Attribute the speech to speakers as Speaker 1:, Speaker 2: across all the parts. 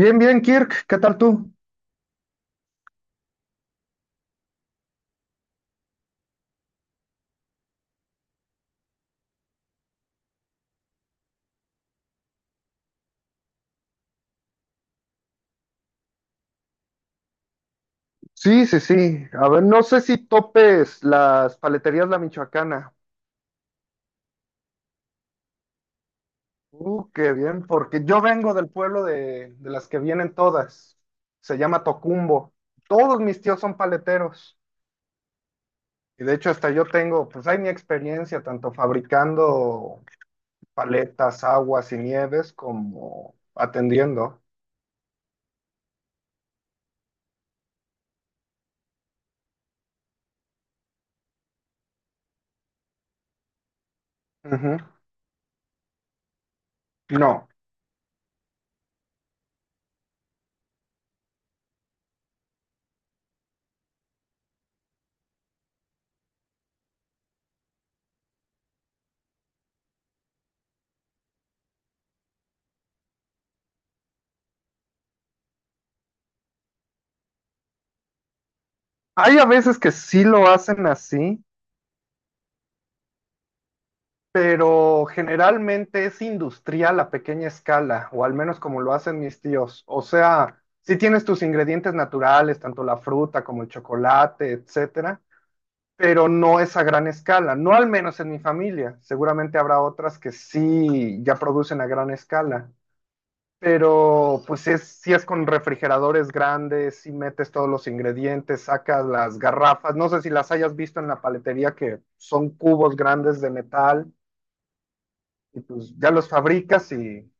Speaker 1: Bien, bien, Kirk, ¿qué tal tú? Sí, sí, sí. A ver, no sé si topes las paleterías La Michoacana. Qué bien, porque yo vengo del pueblo de las que vienen todas. Se llama Tocumbo. Todos mis tíos son paleteros. Y de hecho hasta yo tengo, pues hay mi experiencia tanto fabricando paletas, aguas y nieves como atendiendo. Ujú. No. Hay a veces que sí lo hacen así, pero generalmente es industrial a pequeña escala, o al menos como lo hacen mis tíos. O sea, sí tienes tus ingredientes naturales, tanto la fruta como el chocolate, etcétera, pero no es a gran escala, no al menos en mi familia. Seguramente habrá otras que sí ya producen a gran escala. Pero pues es, si es con refrigeradores grandes, si metes todos los ingredientes, sacas las garrafas, no sé si las hayas visto en la paletería que son cubos grandes de metal y pues ya los fabricas y,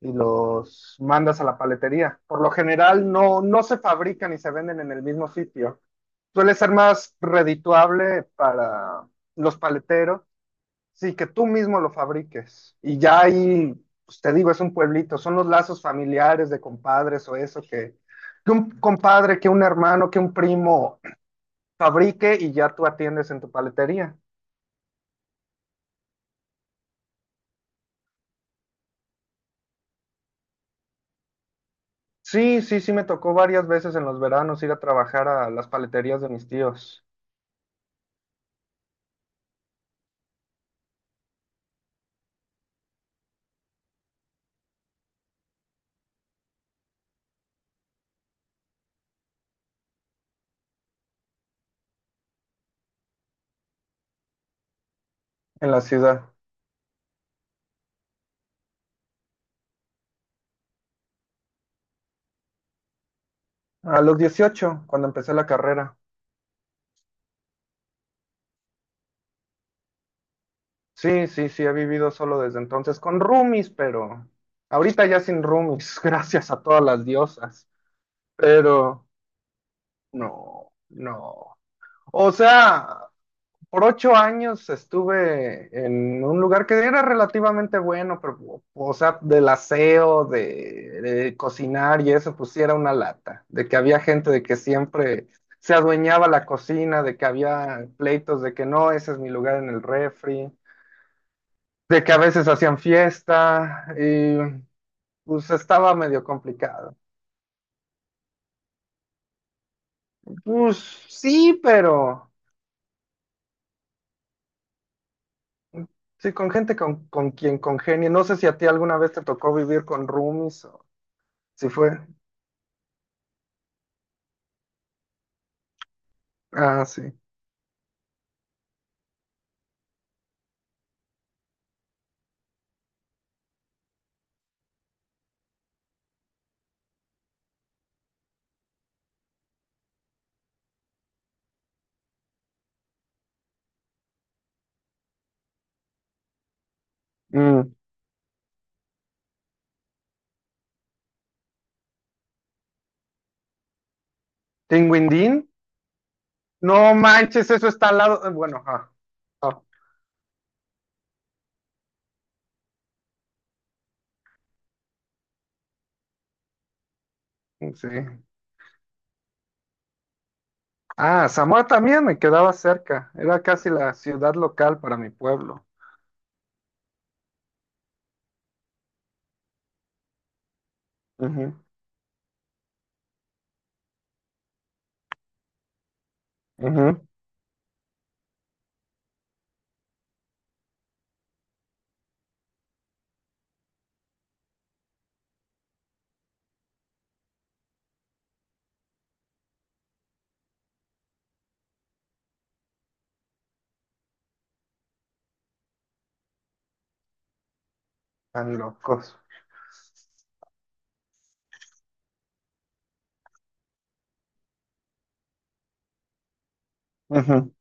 Speaker 1: y los mandas a la paletería. Por lo general no, no se fabrican y se venden en el mismo sitio. Suele ser más redituable para los paleteros, sí, que tú mismo lo fabriques. Y ya ahí, pues te digo, es un pueblito, son los lazos familiares de compadres o eso que un compadre, que un hermano, que un primo fabrique y ya tú atiendes en tu paletería. Sí, sí, sí, me tocó varias veces en los veranos ir a trabajar a las paleterías de mis tíos en la ciudad. A los 18, cuando empecé la carrera. Sí, sí, sí, he vivido solo desde entonces con roomies, pero ahorita ya sin roomies, gracias a todas las diosas. Pero no, no. O sea, por 8 años estuve en un lugar que era relativamente bueno, pero, o sea, del aseo, de cocinar y eso, pues sí era una lata, de que había gente de que siempre se adueñaba la cocina, de que había pleitos de que no, ese es mi lugar en el refri, de que a veces hacían fiesta y pues estaba medio complicado. Pues sí, pero sí, con gente con quien congenie. No sé si a ti alguna vez te tocó vivir con roomies o si fue. Ah, sí. Mm. ¿Tinguindín? No manches, eso está al lado. Bueno, ah, sí. Ah, Zamora también me quedaba cerca. Era casi la ciudad local para mi pueblo. Ujú, ujú. Tan locos. Ujú.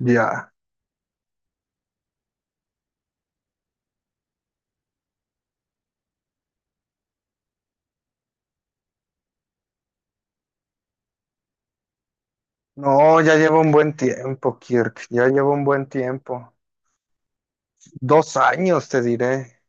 Speaker 1: Ya. No, ya llevo un buen tiempo, Kirk. Ya llevo un buen tiempo. 2 años, te diré.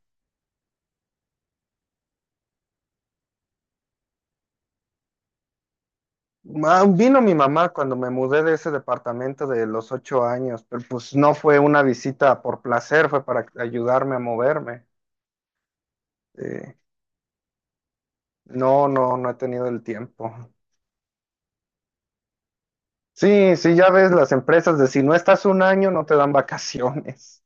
Speaker 1: Vino mi mamá cuando me mudé de ese departamento de los 8 años, pero pues no fue una visita por placer, fue para ayudarme a moverme. Sí. No, no, no he tenido el tiempo. Sí, sí, ya ves las empresas de si no estás un año no te dan vacaciones.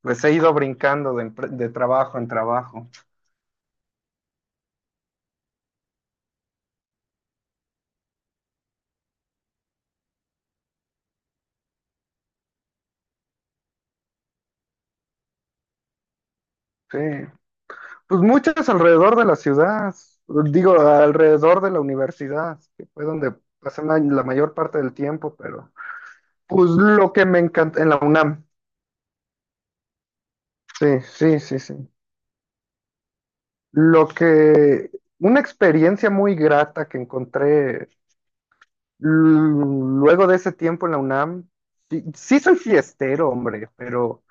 Speaker 1: Pues he ido brincando de, de trabajo en trabajo. Sí, pues muchas alrededor de la ciudad, digo, alrededor de la universidad, que fue donde pasé la mayor parte del tiempo, pero pues lo que me encanta en la UNAM. Sí, sí, sí, sí. Lo que, una experiencia muy grata que encontré luego de ese tiempo en la UNAM, sí, sí soy fiestero, hombre, pero,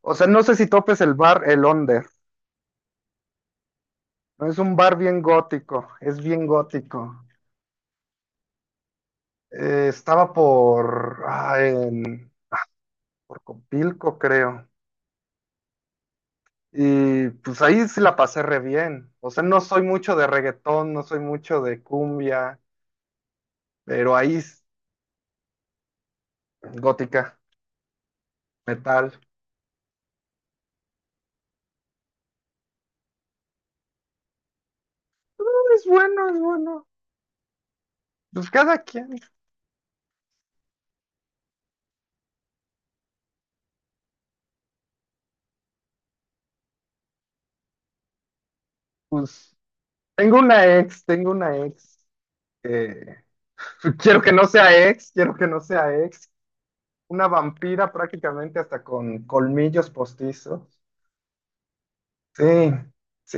Speaker 1: o sea, no sé si topes el bar El Onder. No es un bar bien gótico, es bien gótico. Estaba por Copilco, creo. Y pues ahí sí la pasé re bien. O sea, no soy mucho de reggaetón, no soy mucho de cumbia, pero ahí es gótica, metal. Es bueno, es bueno. Pues cada quien. Pues tengo una ex, tengo una ex. Eh, quiero que no sea ex, quiero que no sea ex. Una vampira prácticamente hasta con colmillos postizos. Sí, sí,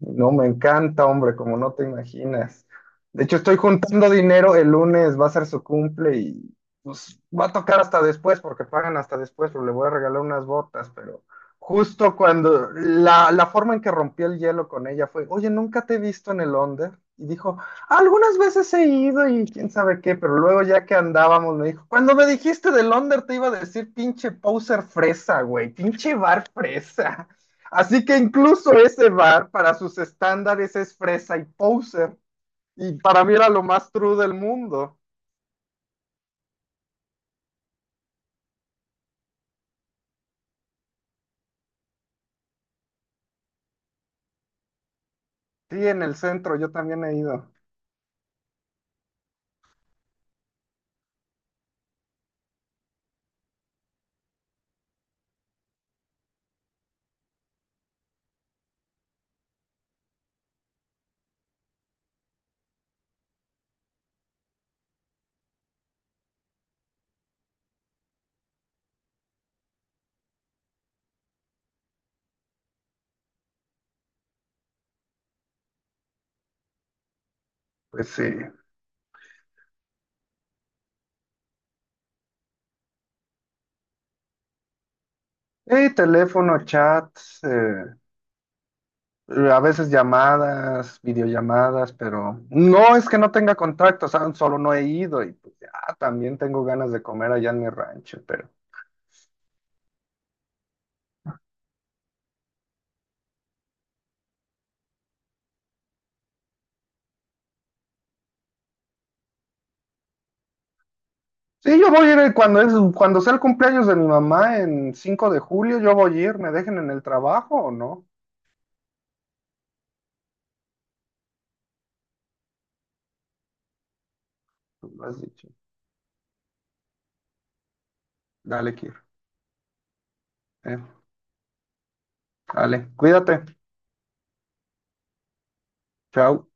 Speaker 1: no, me encanta, hombre, como no te imaginas. De hecho, estoy juntando dinero, el lunes va a ser su cumple y pues va a tocar hasta después, porque pagan hasta después, pero le voy a regalar unas botas, pero justo cuando la, forma en que rompí el hielo con ella fue, oye, nunca te he visto en el Onder. Y dijo, algunas veces he ido y quién sabe qué, pero luego ya que andábamos me dijo, cuando me dijiste del Onder te iba a decir pinche poser fresa, güey, pinche bar fresa. Así que incluso ese bar para sus estándares es fresa y poser. Y para mí era lo más true del mundo. Sí, en el centro yo también he ido. Pues sí. Teléfono, chats, a veces llamadas, videollamadas, pero no es que no tenga contacto, o sea, solo no he ido y pues ya también tengo ganas de comer allá en mi rancho, pero sí, yo voy a ir cuando sea el cumpleaños de mi mamá en 5 de julio, yo voy a ir, ¿me dejen en el trabajo o no? Tú lo has dicho. Dale, Kir. Eh, dale, cuídate. Chao.